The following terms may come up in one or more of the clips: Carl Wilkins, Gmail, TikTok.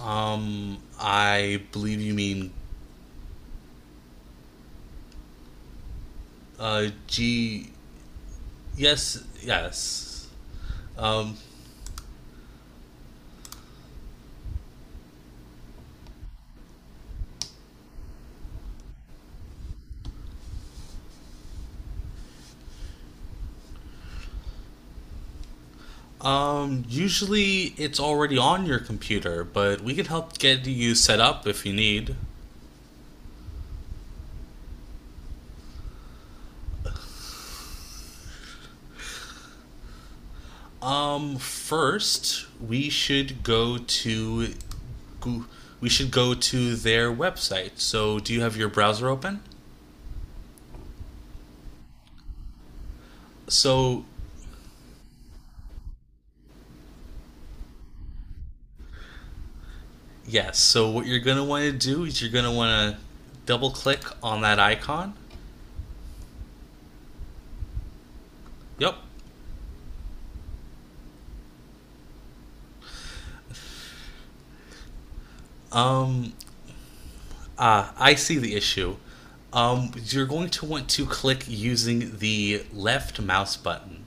I believe you mean G. Yes, yes. Um, Usually it's already on your computer, but we can help get you set up if you need. First we should go to Goo- we should go to their website. So, do you have your browser open? So, yes. So, what you're going to want to do is you're going to want to double click on that icon. Yep. Um I see the issue. You're going to want to click using the left mouse button.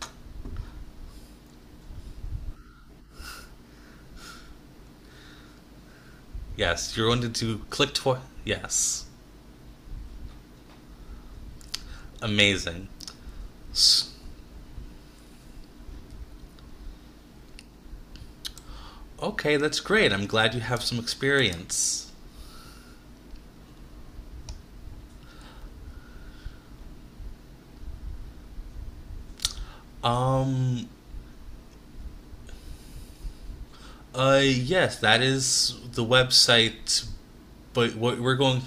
Yes, you're going to do click twice. Yes, amazing. Okay, that's great. I'm glad you have some experience. Um, yes, that is the website. But what we're going,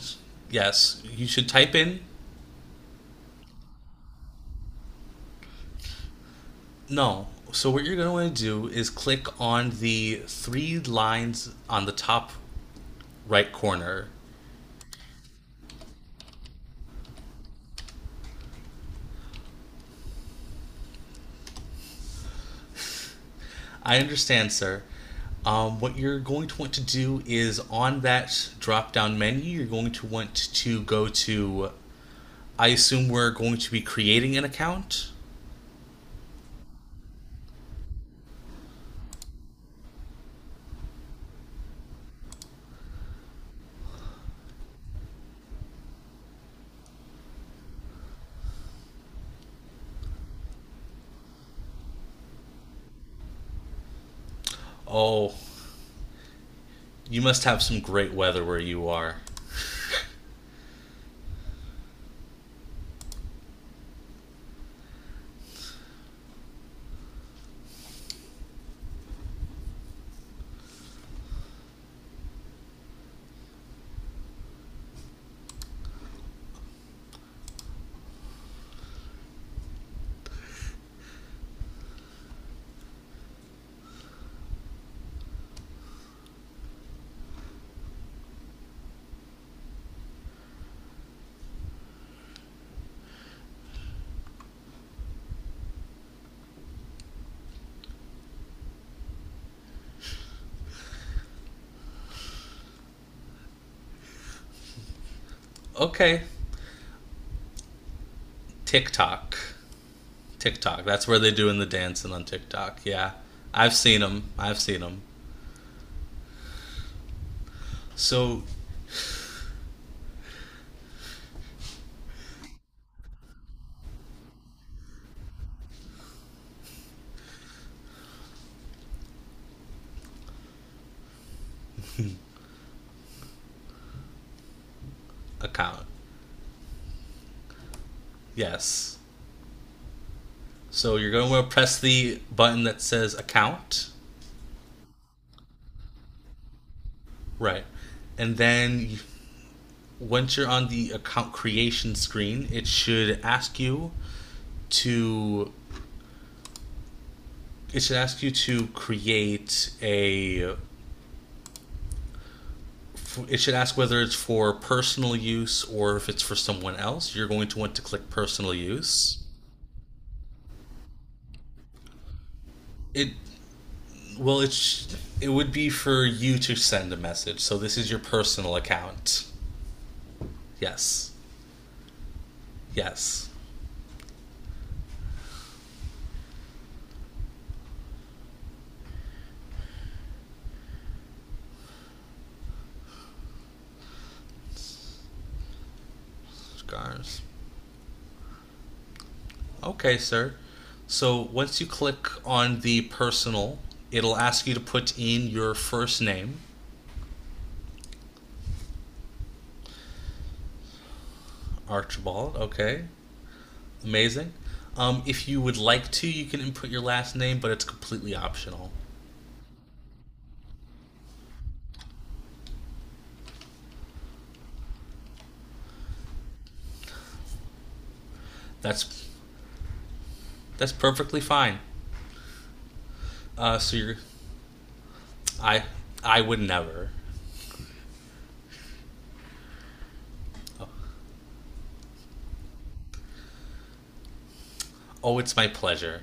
yes, you should type in. No. So what you're going to want to do is click on the three lines on the top right corner. I understand, sir. What you're going to want to do is on that drop down menu, you're going to want to go to. I assume we're going to be creating an account. Oh, you must have some great weather where you are. Okay, TikTok. TikTok. That's where they're doing the dancing on TikTok. Yeah, I've seen them. I've seen them. So, account. Yes. So you're going to press the button that says account. Right. And then once you're on the account creation screen, it should ask you to it should ask you to create a it should ask whether it's for personal use or if it's for someone else. You're going to want to click personal use. It Well, it's it would be for you to send a message. So this is your personal account. Yes. Yes. Scars. Okay, sir. So once you click on the personal, it'll ask you to put in your first name, Archibald. Okay, amazing. If you would like to, you can input your last name, but it's completely optional. That's that's perfectly fine. Uh, so you're, I I would never. Oh, it's my pleasure.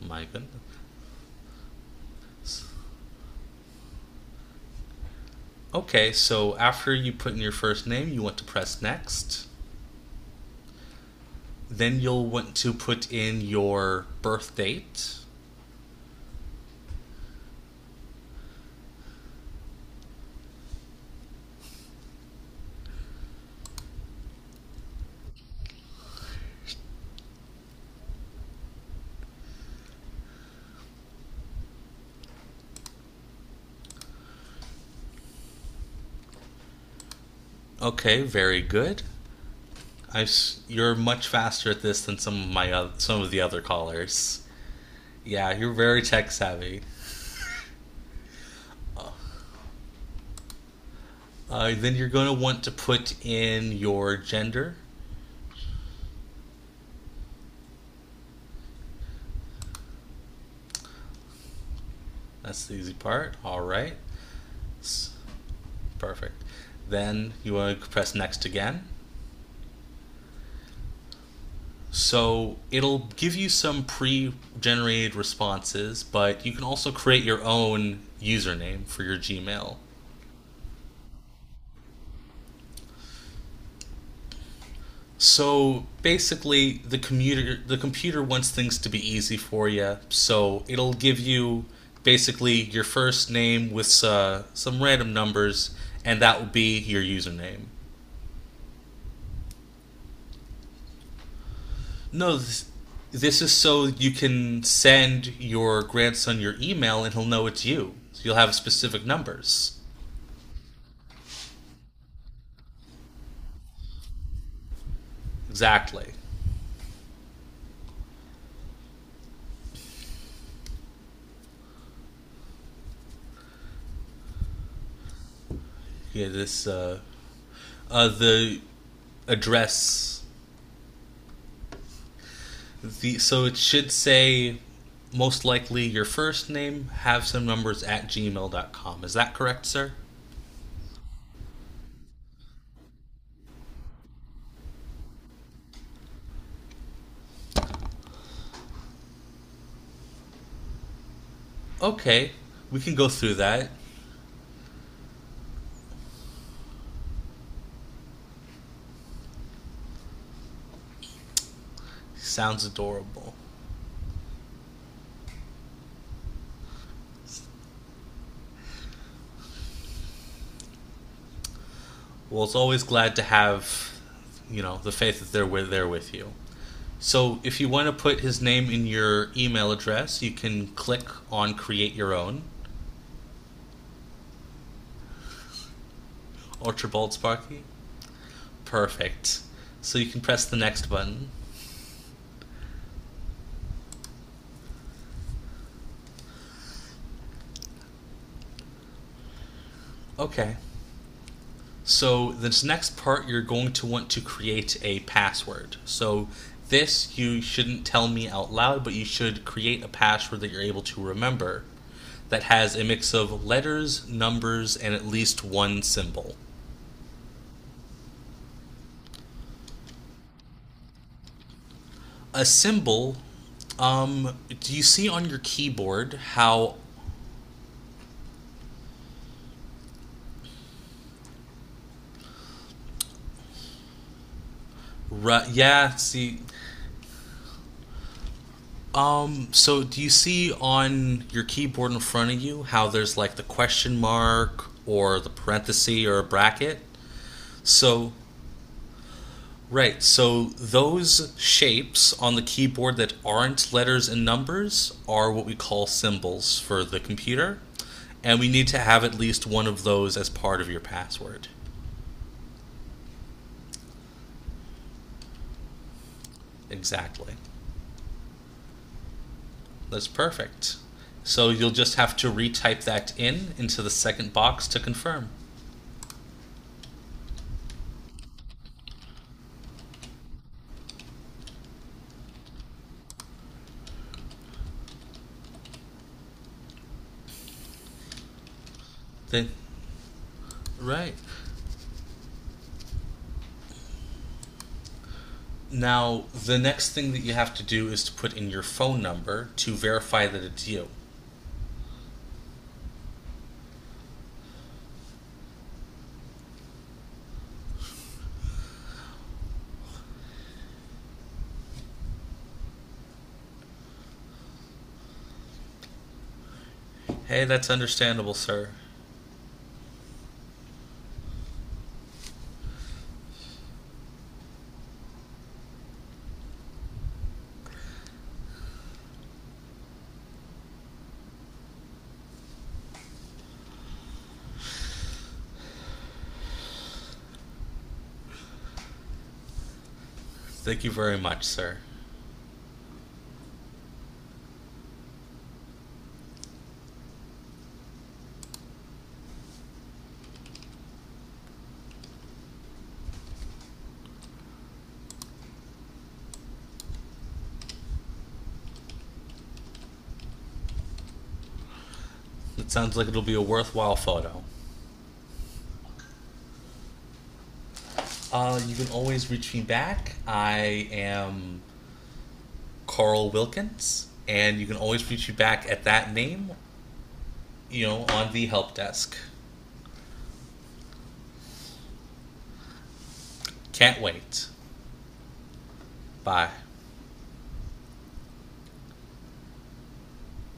My goodness. Okay, so after you put in your first name, you want to press next. Then you'll want to put in your birth date. Okay, very good. You're much faster at this than some of some of the other callers. Yeah, you're very tech savvy. Then you're going to want to put in your gender. That's the easy part. All right, S- perfect. Then you want to press next again. So it'll give you some pre-generated responses, but you can also create your own username for your Gmail. So basically, the computer wants things to be easy for you, so it'll give you basically your first name with some random numbers, and that will be your username. No, This is so you can send your grandson your email, and he'll know it's you. So you'll have specific numbers. Exactly. Yeah, this the address. So it should say most likely your first name, have some numbers@gmail.com. Is that correct, sir? Okay, we can go through that. Sounds adorable. Well, it's always glad to have, You know, the faith that there with you. So if you want to put his name in your email address, you can click on create your own. Archibald Sparky? Perfect. So you can press the next button. Okay. So, this next part, you're going to want to create a password. So, this you shouldn't tell me out loud, but you should create a password that you're able to remember that has a mix of letters, numbers, and at least one symbol. A symbol, do you see on your keyboard how. Yeah, see. So do you see on your keyboard in front of you how there's like the question mark or the parenthesis or a bracket? So, right. So, those shapes on the keyboard that aren't letters and numbers are what we call symbols for the computer. And we need to have at least one of those as part of your password. Exactly. That's perfect. So, you'll just have to retype that in into the second box to confirm. Then, right. Now, the next thing that you have to do is to put in your phone number to verify that it's you. Hey, that's understandable, sir. Thank you very much, sir. It sounds like it'll be a worthwhile photo. You can always reach me back. I am Carl Wilkins, and you can always reach me back at that name, you know, on the help desk. Can't wait. Bye.